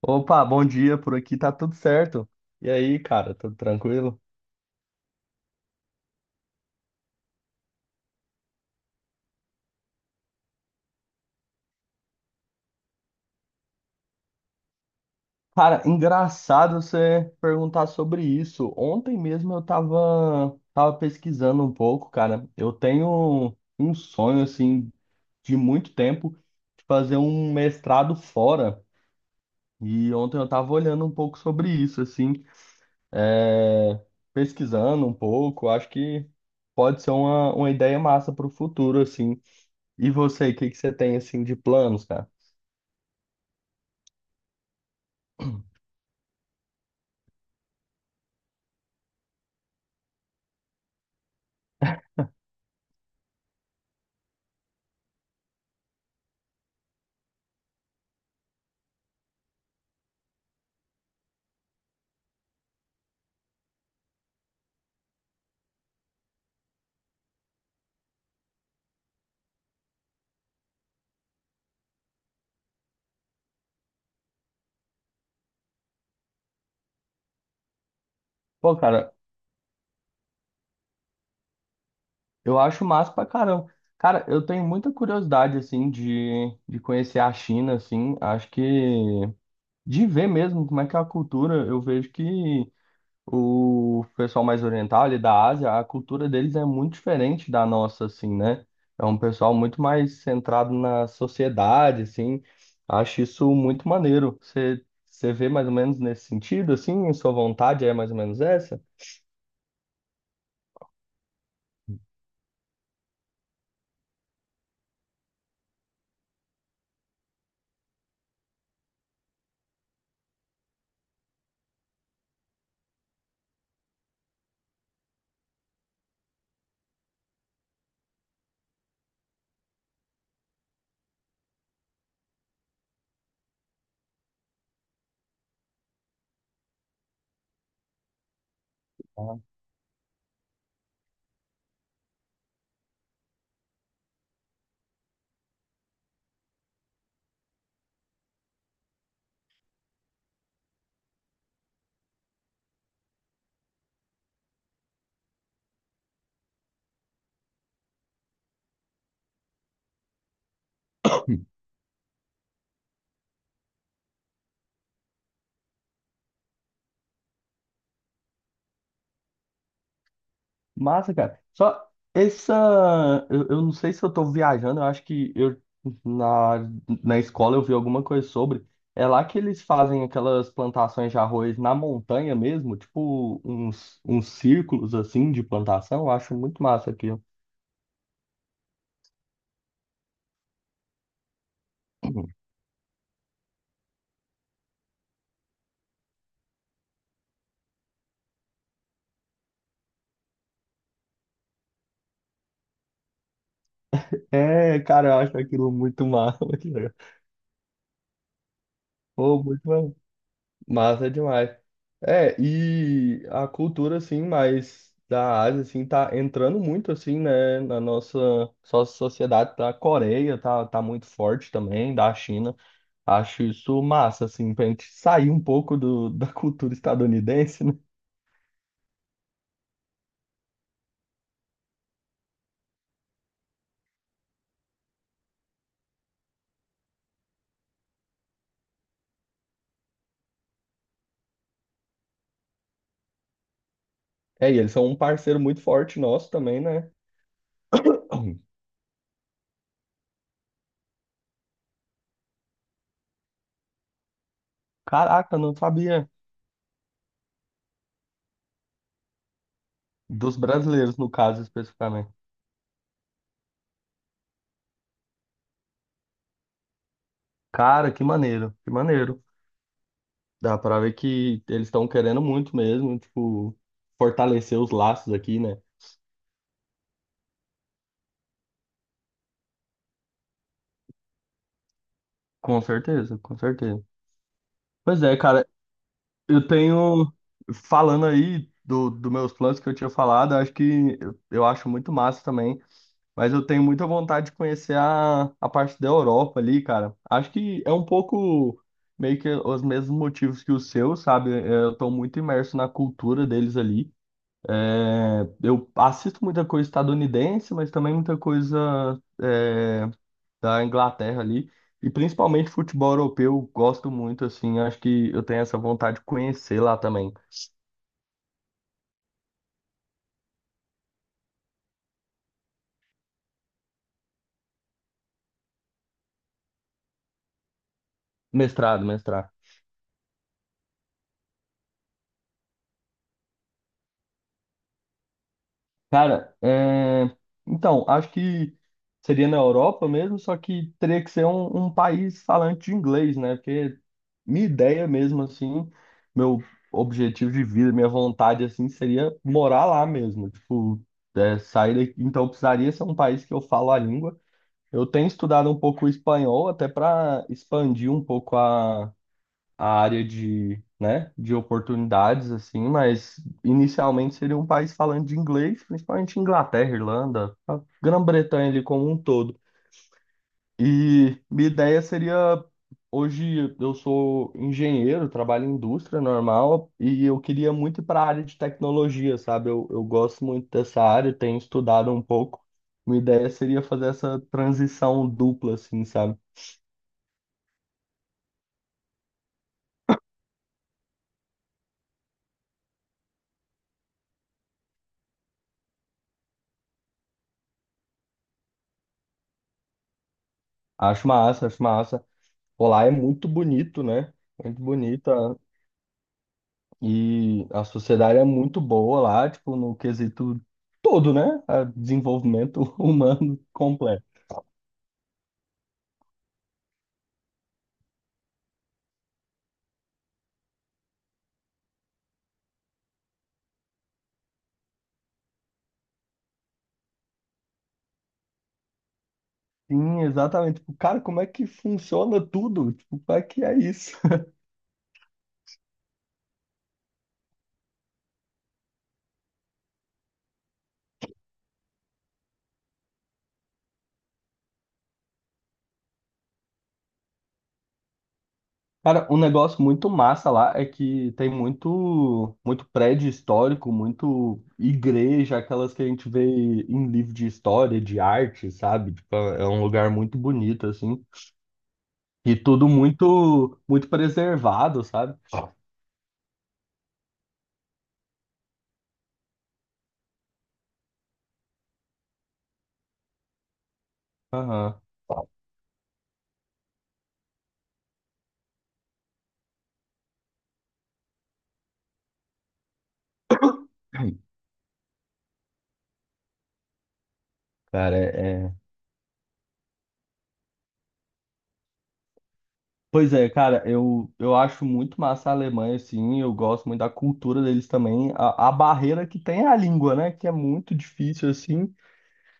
Opa, bom dia, por aqui tá tudo certo. E aí, cara, tudo tranquilo? Cara, engraçado você perguntar sobre isso. Ontem mesmo eu tava pesquisando um pouco, cara. Eu tenho um sonho, assim, de muito tempo, de fazer um mestrado fora. E ontem eu tava olhando um pouco sobre isso, assim, é, pesquisando um pouco. Acho que pode ser uma ideia massa pro futuro, assim. E você, o que que você tem, assim, de planos, cara? Pô, cara, eu acho massa pra caramba. Cara, eu tenho muita curiosidade, assim, de conhecer a China, assim. Acho que de ver mesmo como é que é a cultura. Eu vejo que o pessoal mais oriental ali da Ásia, a cultura deles é muito diferente da nossa, assim, né? É um pessoal muito mais centrado na sociedade, assim. Acho isso muito maneiro. Você, você vê mais ou menos nesse sentido, assim? Sua vontade é mais ou menos essa? Massa, cara. Só essa. Eu não sei se eu tô viajando, eu acho que eu na, na escola eu vi alguma coisa sobre. É lá que eles fazem aquelas plantações de arroz na montanha mesmo, tipo uns círculos assim de plantação. Eu acho muito massa aquilo. É, cara, eu acho aquilo muito massa. Muito legal. Pô, muito massa demais. É, e a cultura, assim, mais da Ásia, assim, tá entrando muito, assim, né, na nossa sociedade. Da Coreia tá muito forte também, da China. Acho isso massa, assim, pra gente sair um pouco do, da cultura estadunidense, né? É, e eles são um parceiro muito forte nosso também, né? Caraca, não sabia. Dos brasileiros, no caso, especificamente. Cara, que maneiro, que maneiro. Dá pra ver que eles estão querendo muito mesmo, tipo, fortalecer os laços aqui, né? Com certeza, com certeza. Pois é, cara, eu tenho, falando aí do meus planos que eu tinha falado, acho que eu acho muito massa também, mas eu tenho muita vontade de conhecer a parte da Europa ali, cara. Acho que é um pouco meio que os mesmos motivos que o seu, sabe? Eu tô muito imerso na cultura deles ali. É, eu assisto muita coisa estadunidense, mas também muita coisa é, da Inglaterra ali. E principalmente futebol europeu, gosto muito, assim. Acho que eu tenho essa vontade de conhecer lá também. Mestrado, mestrado. Cara, é... Então, acho que seria na Europa mesmo, só que teria que ser um país falante de inglês, né? Porque minha ideia mesmo, assim, meu objetivo de vida, minha vontade, assim, seria morar lá mesmo. Tipo, é, sair daqui. Então, precisaria ser um país que eu falo a língua. Eu tenho estudado um pouco o espanhol, até para expandir um pouco a área de, né, de oportunidades, assim, mas inicialmente seria um país falando de inglês, principalmente Inglaterra, Irlanda, a Grã-Bretanha ali como um todo. E minha ideia seria, hoje eu sou engenheiro, trabalho em indústria normal, e eu queria muito ir para a área de tecnologia, sabe? Eu gosto muito dessa área, tenho estudado um pouco. Minha ideia seria fazer essa transição dupla, assim, sabe? Acho massa, acho massa. Pô, lá é muito bonito, né? Muito bonita. E a sociedade é muito boa lá, tipo, no quesito todo, né? A desenvolvimento humano completo. Sim, exatamente. Tipo, cara, como é que funciona tudo? Tipo, como é que é isso? Cara, um negócio muito massa lá é que tem muito, muito prédio histórico, muito igreja, aquelas que a gente vê em livro de história, de arte, sabe? Tipo, é é um lugar muito bonito, assim. E tudo muito, muito preservado, sabe? Aham. Cara, é. É. Pois é, cara, eu acho muito massa a Alemanha, assim, eu gosto muito da cultura deles também. A barreira que tem é a língua, né? Que é muito difícil, assim.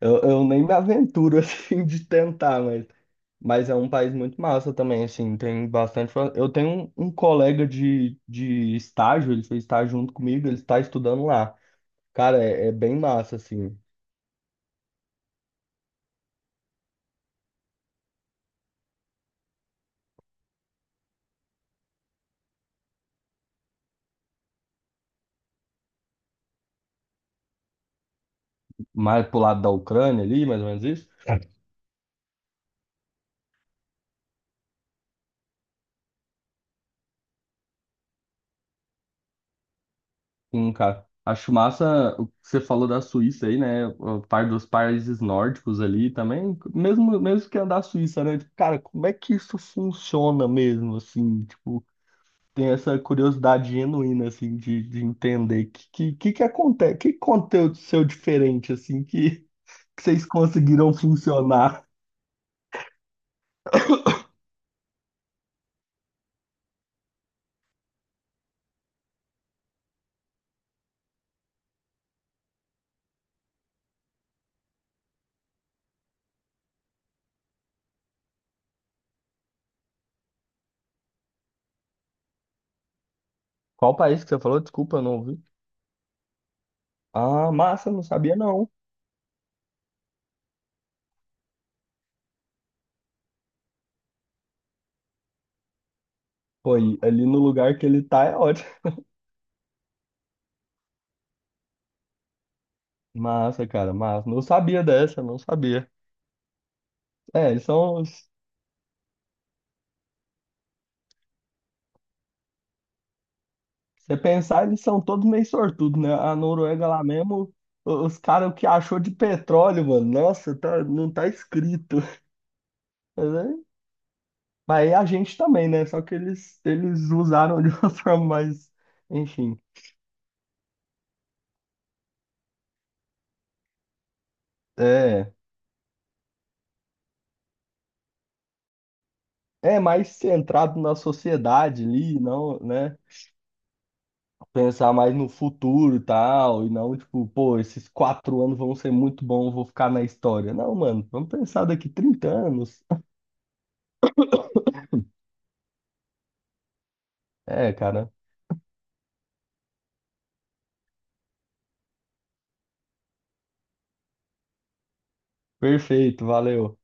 Eu nem me aventuro, assim, de tentar, mas é um país muito massa também, assim, tem bastante. Fa- Eu tenho um colega de estágio, ele fez estágio junto comigo, ele está estudando lá. Cara, é bem massa, assim. Mais pro lado da Ucrânia ali, mais ou menos isso. Sim, cara. Acho massa o que você falou da Suíça aí, né? O par dos países nórdicos ali também, mesmo, mesmo que é da Suíça, né? Tipo, cara, como é que isso funciona mesmo, assim? Tipo, tem essa curiosidade genuína, assim, de entender que acontece, que aconteceu diferente, assim, que vocês conseguiram funcionar. Qual país que você falou? Desculpa, eu não ouvi. Ah, massa, não sabia não. Foi ali no lugar que ele tá é ótimo. Massa, cara, massa. Não sabia dessa, não sabia. É, eles são. Os- Se você pensar, eles são todos meio sortudos, né? A Noruega lá mesmo, o- os caras, o que achou de petróleo, mano? Nossa, tá- não tá escrito. Mas é- mas aí a gente também, né? Só que eles usaram de uma forma mais. Enfim. É. É mais centrado na sociedade ali, não, né? Pensar mais no futuro e tal, e não, tipo, pô, esses 4 anos vão ser muito bons, vou ficar na história. Não, mano, vamos pensar daqui 30 anos. É, cara, perfeito, valeu.